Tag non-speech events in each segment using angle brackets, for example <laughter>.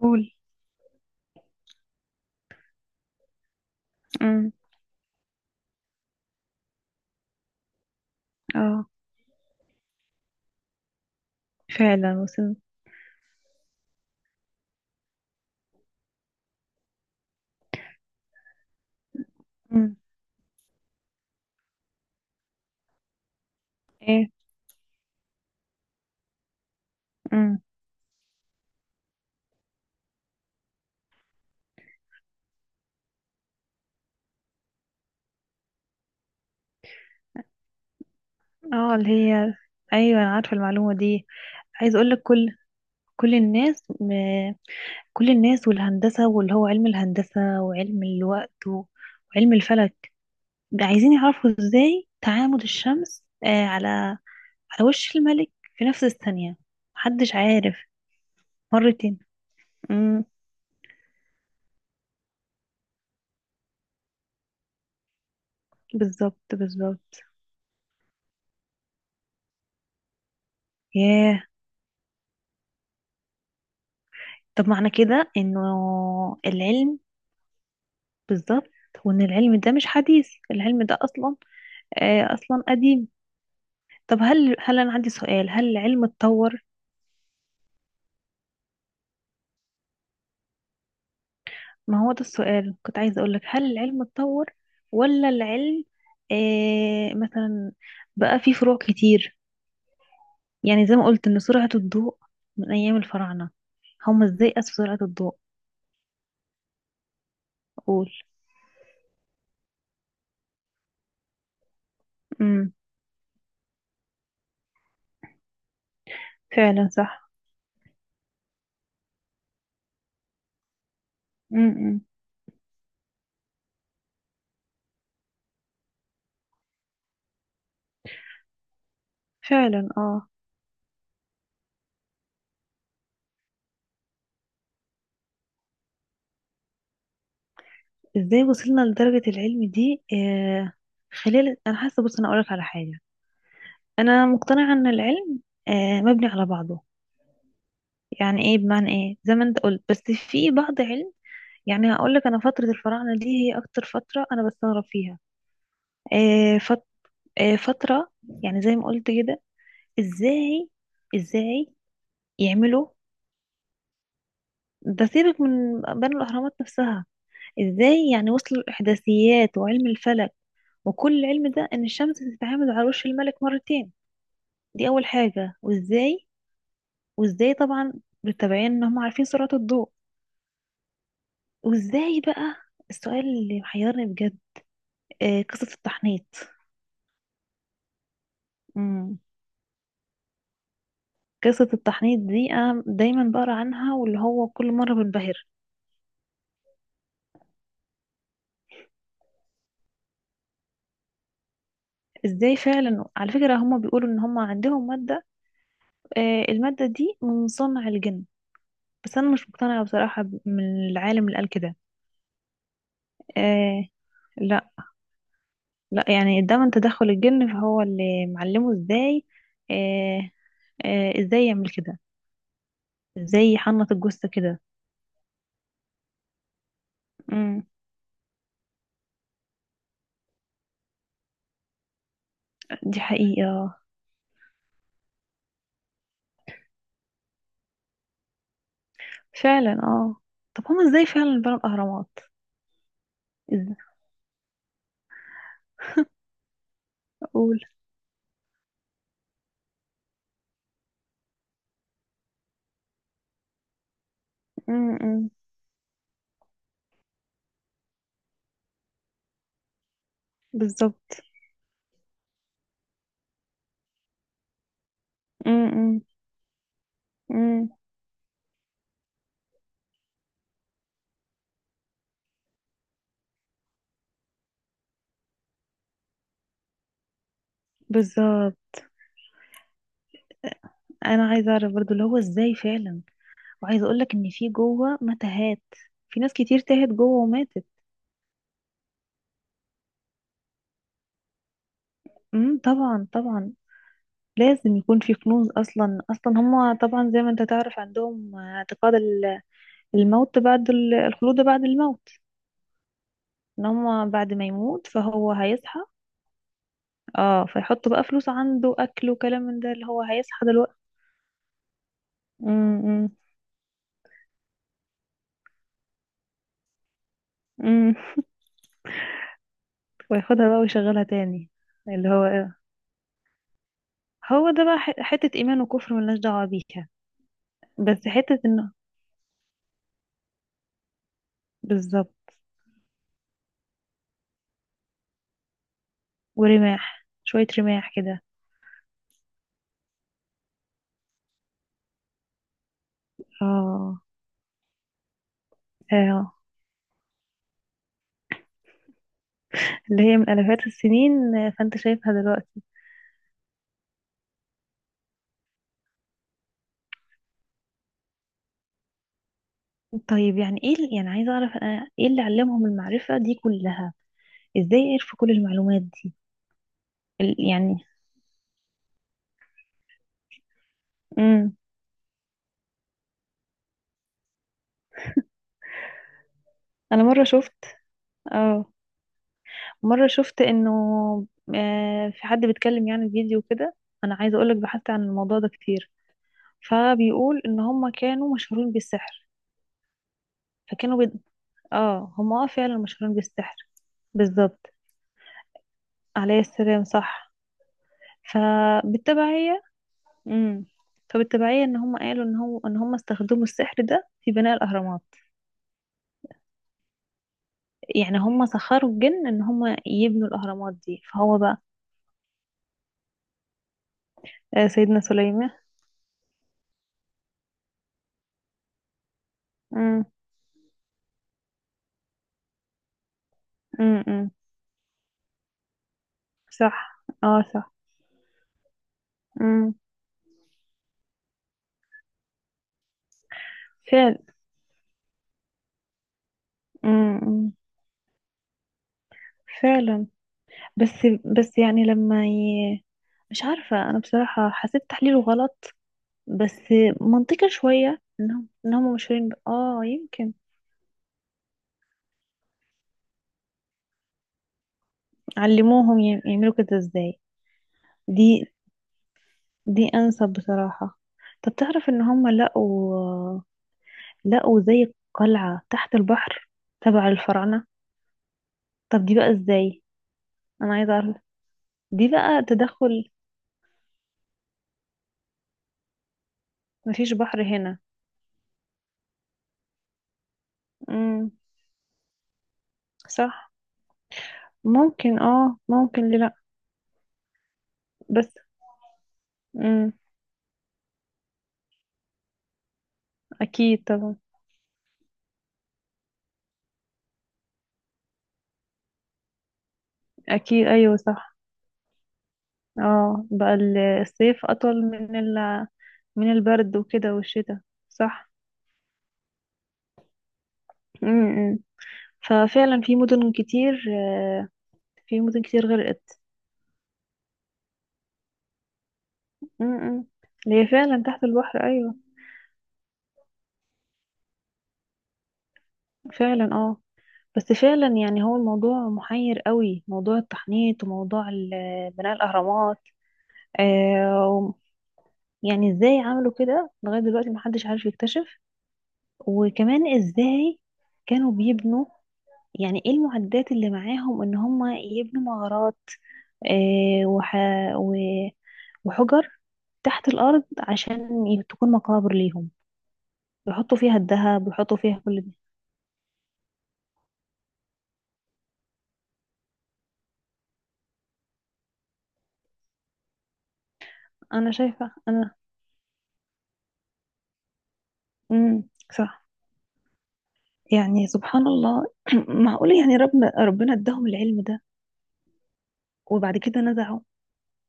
قول. امم. اه. فعلا وسن. امم. ايه. امم. اه، اللي هي. ايوه، انا عارفه المعلومه دي. عايز اقول لك، كل الناس م... كل الناس والهندسه، واللي هو علم الهندسه وعلم الوقت وعلم الفلك. ده عايزين يعرفوا ازاي تعامد الشمس على وش الملك، في نفس الثانيه. محدش عارف. مرتين. امم. بالظبط بالظبط. ياه. طب، معنى كده انه العلم. بالظبط. وان العلم ده مش حديث، العلم ده اصلا اصلا قديم. طب، هل انا عندي سؤال: هل العلم اتطور؟ ما هو ده السؤال كنت عايزه اقول لك: هل العلم اتطور ولا العلم مثلا بقى فيه فروع كتير؟ يعني زي ما قلت ان سرعة الضوء من ايام الفراعنة، هم ازاي قاسوا سرعة الضوء؟ قول. امم. فعلا صح. امم. فعلا اه. ازاي وصلنا لدرجة العلم دي؟ خلال، انا حاسه، بص انا اقولك على حاجة. انا مقتنعه ان العلم مبني على بعضه. يعني ايه، بمعنى ايه، زي ما انت قلت، بس في بعض علم. يعني هقول لك، انا فتره الفراعنه دي هي اكتر فتره انا بستغرب فيها. آه، فت- فتره، يعني زي ما قلت كده، ازاي ازاي يعملوا. ده سيبك من بنوا الاهرامات نفسها، ازاي يعني وصلوا الاحداثيات وعلم الفلك وكل العلم ده، ان الشمس بتتعامد على وش الملك مرتين. دي اول حاجه. وازاي طبعا بالتبعين ان هم عارفين سرعه الضوء. وازاي بقى. السؤال اللي محيرني بجد قصة التحنيط. امم. قصة التحنيط دي أنا دايما بقرا عنها، واللي هو كل مرة بنبهر. ازاي فعلا. على فكرة هما بيقولوا ان هما عندهم مادة، المادة دي من صنع الجن. بس أنا مش مقتنعة بصراحة من العالم اللي قال كده. آه. لا، لا يعني ده من تدخل الجن، فهو اللي معلمه ازاي. آه. آه، ازاي يعمل كده، ازاي يحنط الجثة كده. امم. دي حقيقة. فعلا اه. طب هم ازاي فعلا بنوا الاهرامات؟ ازاي؟ اقول. امم. بالظبط. امم. امم. بالظبط. انا عايزه اعرف برضو اللي هو ازاي فعلا. وعايزه اقول لك ان في جوه متاهات، في ناس كتير تاهت جوه وماتت. طبعا طبعا. لازم يكون في كنوز. اصلا اصلا هم طبعا، زي ما انت تعرف، عندهم اعتقاد الموت بعد الخلود بعد الموت. ان هم بعد ما يموت فهو هيصحى. اه، فيحطوا بقى فلوس عنده اكل وكلام من ده، اللي هو هيصحى دلوقتي. امم. امم. <laughs> وياخدها بقى ويشغلها تاني. اللي هو إيه؟ هو ده بقى حتة إيمان وكفر ملناش دعوة بيها. بس حتة إنه بالظبط. ورماح، شوية رماح كده. اه. اه، اللي هي من آلافات السنين، فأنت شايفها دلوقتي. طيب، يعني إيه يعني عايزة أعرف أنا إيه اللي علمهم المعرفة دي كلها؟ إزاي عرفوا كل المعلومات دي؟ يعني. امم. أنا مرة شفت. اه، مرة شفت انه في حد بيتكلم يعني فيديو كده. انا عايزة اقولك، بحثت عن الموضوع ده كتير، فبيقول ان هم كانوا مشهورين بالسحر. فكانوا بي... اه، هم اه فعلا مشهورين بالسحر. بالظبط. عليه السلام، صح. فبالتبعية. امم. فبالتبعية ان هم قالوا ان هم استخدموا السحر ده في بناء الاهرامات. يعني هم سخروا الجن ان هم يبنوا الاهرامات دي، فهو بقى. آه، سيدنا سليمان. امم. امم. صح. اه. صح فعلا. أمم. فعلا. بس بس يعني لما ي... مش عارفة أنا بصراحة، حسيت تحليله غلط. بس منطقي شوية إنهم مشهورين ب... آه يمكن علموهم يعملوا كده إزاي. دي دي أنسب بصراحة. طب تعرف إن هم لقوا زي قلعة تحت البحر تبع الفراعنة؟ طب دي بقى إزاي؟ أنا عايزة أعرف. دي بقى تدخل. مفيش بحر هنا. امم. صح. ممكن ليه لأ. بس. امم. اكيد طبعا. اكيد ايوه صح. اه، بقى الصيف اطول من البرد وكده، والشتاء. صح. امم. ففعلا في مدن كتير غرقت. امم. اللي هي فعلا تحت البحر، ايوه. فعلا اه. بس فعلا. يعني هو الموضوع محير قوي، موضوع التحنيط وموضوع بناء الاهرامات. آه، يعني ازاي عملوا كده لغايه دلوقتي محدش عارف يكتشف؟ وكمان ازاي كانوا بيبنوا؟ يعني ايه المعدات اللي معاهم ان هم يبنوا مغارات آه، وح... و... وحجر تحت الارض عشان تكون مقابر ليهم، يحطوا فيها الذهب ويحطوا فيها كل دي. انا شايفة. امم. صح. يعني سبحان الله. <clears throat> معقولة يعني ربنا اداهم العلم ده وبعد كده نزعوا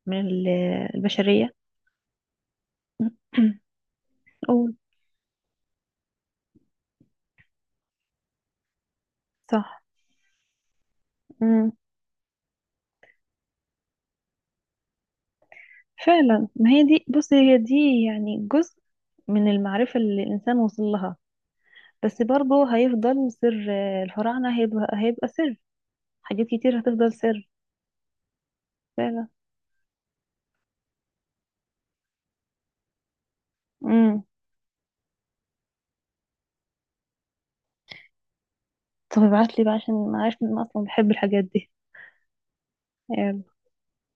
من البشرية. <clears throat> قول. صح فعلا. ما هي دي، بص هي دي يعني جزء من المعرفة اللي الإنسان وصل لها. بس برضه هيفضل سر الفراعنة، هيبقى سر. حاجات كتير هتفضل سر. فعلا. امم. طب ابعتلي بقى، عشان أنا عارفة إن أنا أصلا بحب الحاجات دي. يلا.